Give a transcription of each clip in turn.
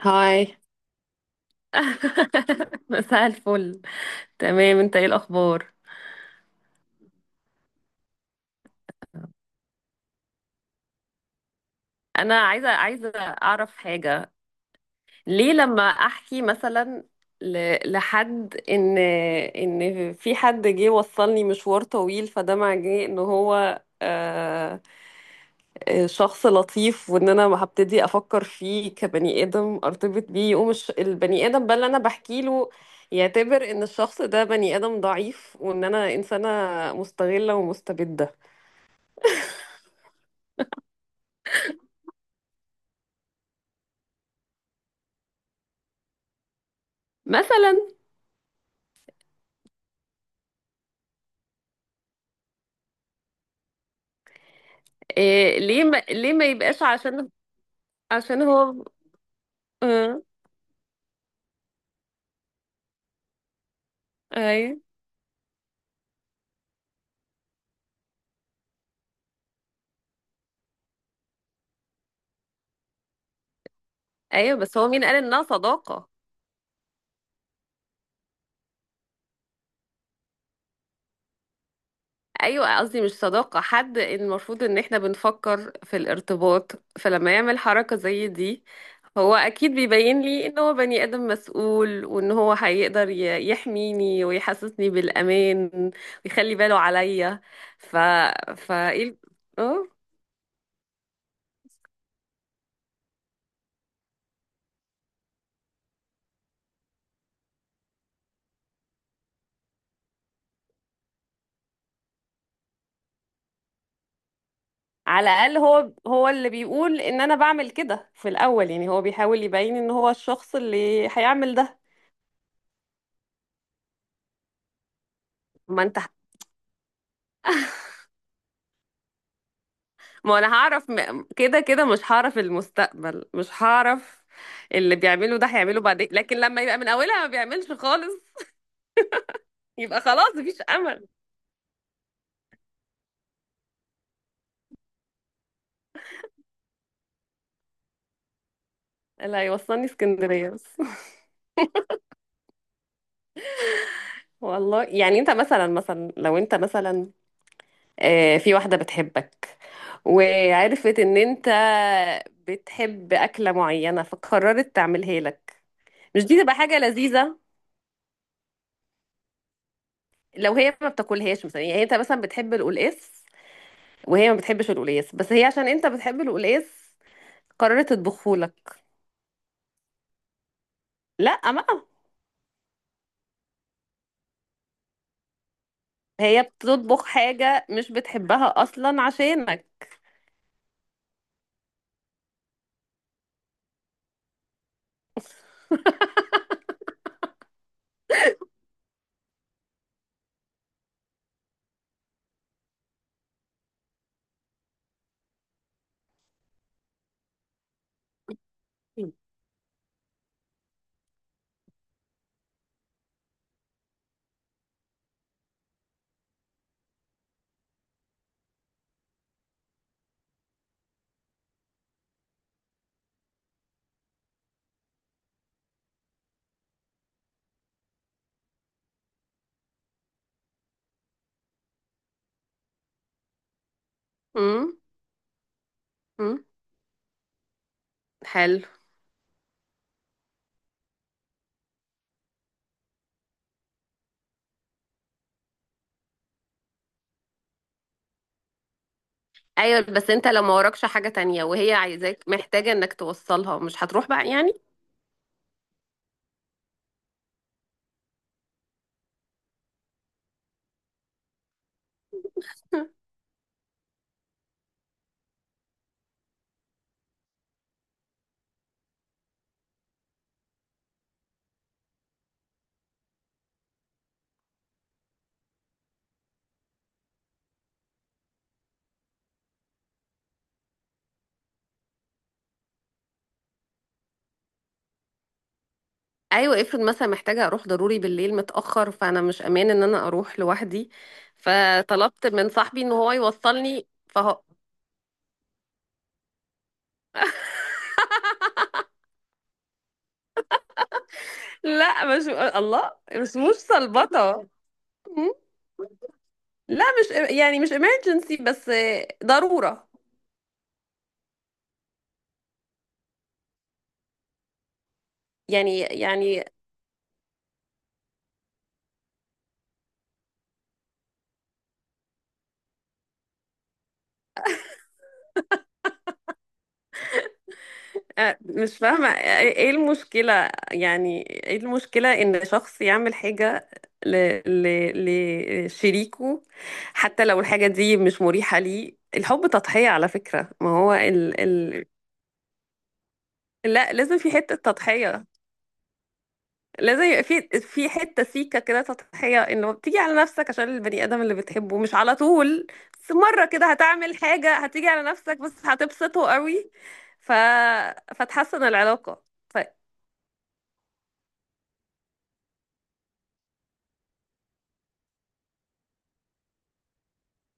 هاي. مساء الفل. تمام، انت ايه الاخبار؟ انا عايزه اعرف حاجه. ليه لما احكي مثلا لحد ان في حد جه وصلني مشوار طويل، فده معناه ان هو شخص لطيف، وان انا ما هبتدي افكر فيه كبني ادم ارتبط بيه، يقوم البني ادم بقى اللي انا بحكي له يعتبر ان الشخص ده بني ادم ضعيف وان انا انسانه مستغله ومستبده. مثلا. إيه، ليه ما يبقاش؟ عشان هو. آه. ايوه. ايوه، بس هو مين قال انها صداقة؟ ايوه، قصدي مش صداقة، حد المفروض ان احنا بنفكر في الارتباط، فلما يعمل حركة زي دي هو اكيد بيبين لي ان هو بني ادم مسؤول وان هو هيقدر يحميني ويحسسني بالامان ويخلي باله عليا. ف فايه؟ اه. على الاقل هو اللي بيقول ان انا بعمل كده في الاول، يعني هو بيحاول يبين ان هو الشخص اللي هيعمل ده. ما انت. ما انا هعرف، كده كده مش هعرف المستقبل، مش هعرف. اللي بيعمله ده هيعمله بعدين، لكن لما يبقى من اولها ما بيعملش خالص يبقى خلاص مفيش امل. اللي هيوصلني اسكندرية بس. والله، يعني انت مثلا، لو انت مثلا في واحدة بتحبك وعرفت ان انت بتحب أكلة معينة، فقررت تعملها لك، مش دي تبقى حاجة لذيذة؟ لو هي ما بتاكلهاش مثلا، يعني انت مثلا بتحب القلقاس وهي ما بتحبش القلقاس، بس هي عشان انت بتحب القلقاس قررت تطبخه لك. لا بقى، هي بتطبخ حاجة مش بتحبها أصلا عشانك. امم. امم. حلو. ايوه، بس انت لو ما وراكش حاجه تانية وهي عايزاك محتاجه انك توصلها، مش هتروح بقى يعني؟ ايوه، افرض مثلا محتاجه اروح ضروري بالليل متاخر، فانا مش امان ان انا اروح لوحدي، فطلبت من صاحبي ان هو يوصلني فهو. لا، مش الله، مش صلبطه. م؟ لا، مش، يعني مش emergency، بس ضروره. يعني. مش فاهمة، ايه المشكلة يعني؟ ايه المشكلة ان شخص يعمل حاجة ل... لشريكه؟ حتى لو الحاجة دي مش مريحة ليه، الحب تضحية على فكرة، ما هو. لا، لازم في حتة تضحية، لازم يبقى في حتة سيكة كده تضحية، انه بتيجي على نفسك عشان البني آدم اللي بتحبه، مش على طول، بس مرة كده هتعمل حاجة هتيجي على نفسك بس هتبسطه قوي، ف... فتحسن العلاقة. ف...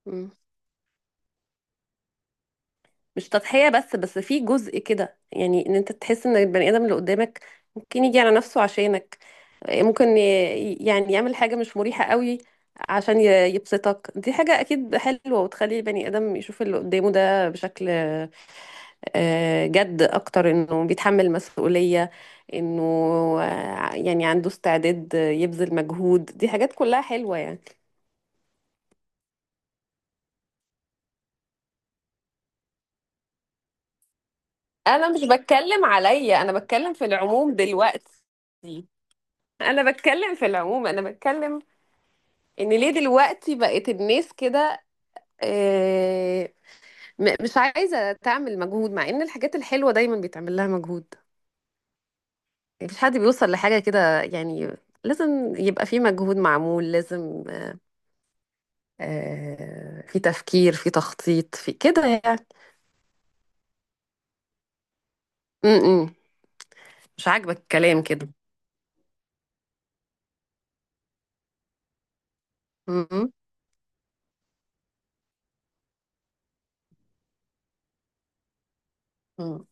مم. مش تضحية، بس في جزء كده، يعني ان انت تحس ان البني ادم اللي قدامك ممكن يجي على نفسه عشانك، ممكن يعني يعمل حاجة مش مريحة قوي عشان يبسطك. دي حاجة اكيد حلوة وتخلي البني ادم يشوف اللي قدامه ده بشكل جد اكتر، انه بيتحمل مسؤولية، انه يعني عنده استعداد يبذل مجهود، دي حاجات كلها حلوة يعني. انا مش بتكلم عليا، انا بتكلم في العموم دلوقتي، انا بتكلم في العموم، انا بتكلم ان ليه دلوقتي بقت الناس كده آه، مش عايزه تعمل مجهود، مع ان الحاجات الحلوه دايما بيتعمل لها مجهود، مفيش حد بيوصل لحاجه كده يعني، لازم يبقى في مجهود معمول، لازم في تفكير، في تخطيط، في كده يعني. م- م. مش عاجبك الكلام كده؟ م- م.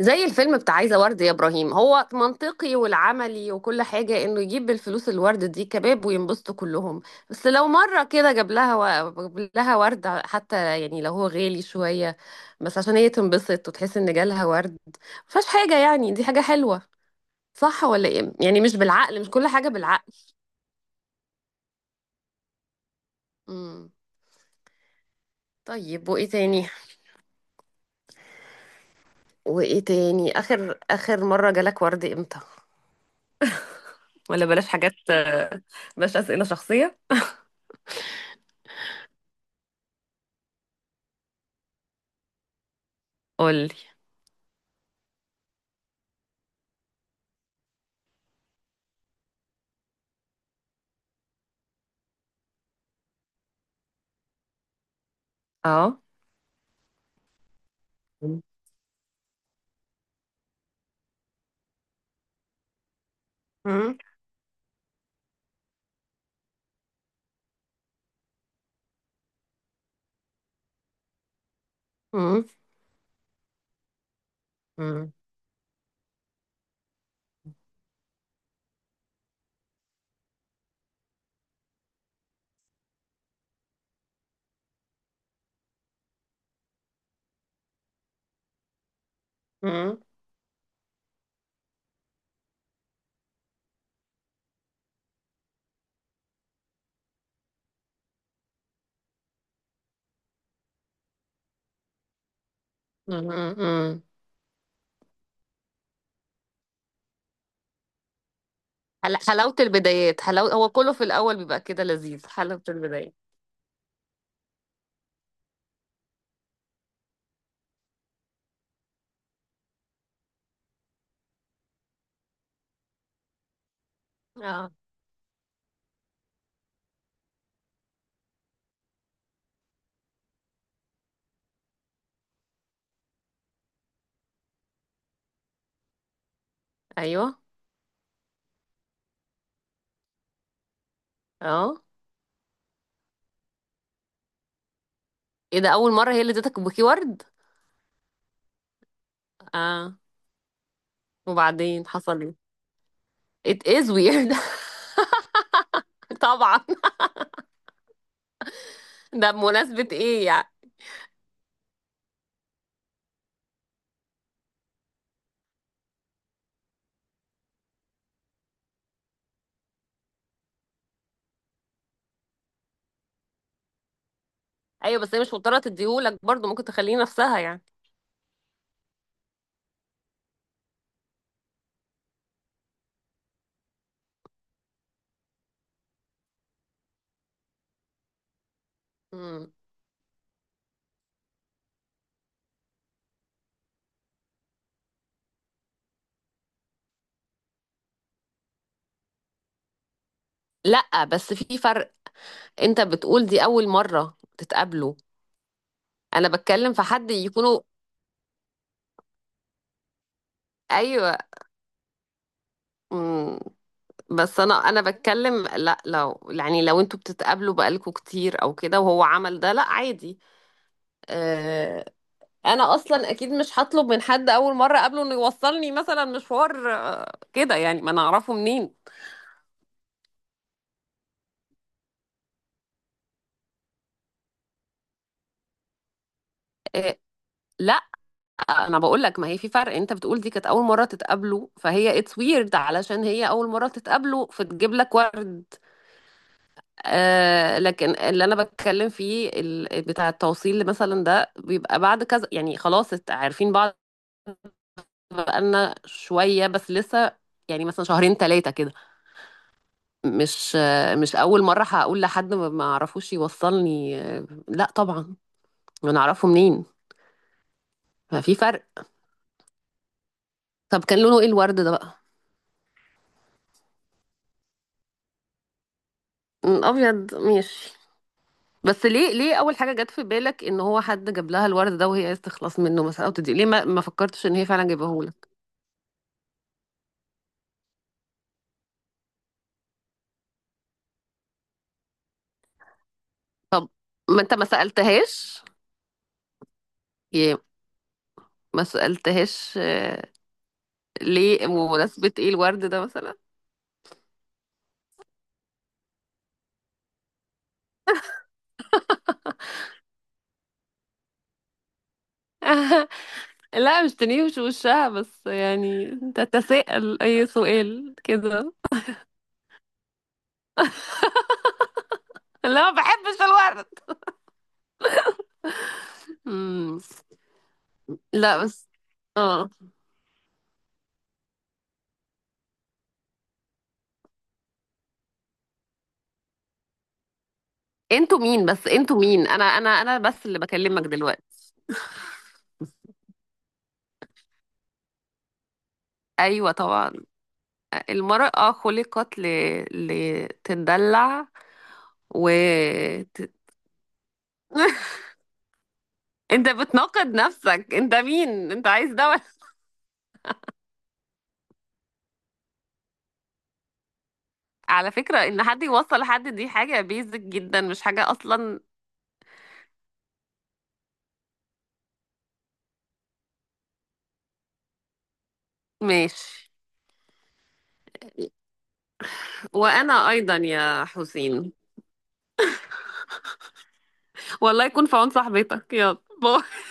زي الفيلم بتاع عايزة ورد يا إبراهيم، هو منطقي والعملي وكل حاجة إنه يجيب بالفلوس الورد دي كباب وينبسطوا كلهم، بس لو مرة كده جاب لها ورد حتى، يعني لو هو غالي شوية بس عشان هي تنبسط وتحس إن جالها ورد، مفيهاش حاجة يعني، دي حاجة حلوة، صح ولا إيه؟ يعني مش بالعقل، مش كل حاجة بالعقل. امم. طيب، وإيه تاني؟ وإيه تاني؟ آخر مرة جالك ورد إمتى؟ ولا بلاش حاجات، بلاش أسئلة شخصية. قولي. اه. مم. مم. مم. مم. مم. مم. حلاوة البدايات، حلاوة، هو كله في الأول بيبقى كده لذيذ، حلاوة البداية. اه. أيوه. اه. ايه ده؟ أول مرة هي اللي اديتك بوكي ورد؟ اه. وبعدين حصل ايه؟ it is weird. طبعا. ده بمناسبة ايه يعني؟ ايوه، بس هي مش مضطرة تديهولك برضه، ممكن تخليه نفسها يعني. مم. لا، بس في فرق، انت بتقول دي أول مرة تتقابلوا، انا بتكلم في حد يكونوا. ايوه. مم. بس انا بتكلم، لا، لو يعني لو انتوا بتتقابلوا بقالكوا كتير او كده وهو عمل ده، لا عادي. آه. انا اصلا اكيد مش هطلب من حد اول مره اقابله انه يوصلني مثلا مشوار كده، يعني ما انا اعرفه منين. لا. انا بقول لك، ما هي في فرق، انت بتقول دي كانت اول مره تتقابلوا فهي اتس ويرد، علشان هي اول مره تتقابلوا فتجيب لك ورد، آه، لكن اللي انا بتكلم فيه بتاع التوصيل مثلا ده بيبقى بعد كذا، يعني خلاص عارفين بعض بقالنا شوية بس لسه، يعني مثلا شهرين ثلاثة كده، مش، مش أول مرة هقول لحد ما أعرفوش يوصلني، لا طبعا، أنا أعرفه منين؟ ففي فرق. طب كان لونه إيه الورد ده بقى؟ م، أبيض ماشي. بس ليه أول حاجة جت في بالك إن هو حد جاب لها الورد ده وهي عايزة تخلص منه مثلا أو تدي ليه، ما فكرتش إن هي فعلا جايبهولك؟ ما أنت ما سألتهاش. يا، ما سألتهاش. ليه، بمناسبة إيه الورد ده مثلا؟ لا مش تنيوش وشها، بس يعني تتساءل اي سؤال كده. لا، ما بحبش الورد. مم. لا بس. اه. انتوا مين؟ بس انتوا مين؟ انا بس اللي بكلمك دلوقتي. ايوه طبعا. المرأة خلقت لتدلع، و ت- انت بتناقض نفسك، انت مين؟ انت عايز ده ولا؟ على فكرة، ان حد يوصل لحد، دي حاجة بيزك جدا، مش حاجة اصلا. ماشي. وأنا أيضا يا حسين. والله يكون في عون صاحبتك، يلا باي.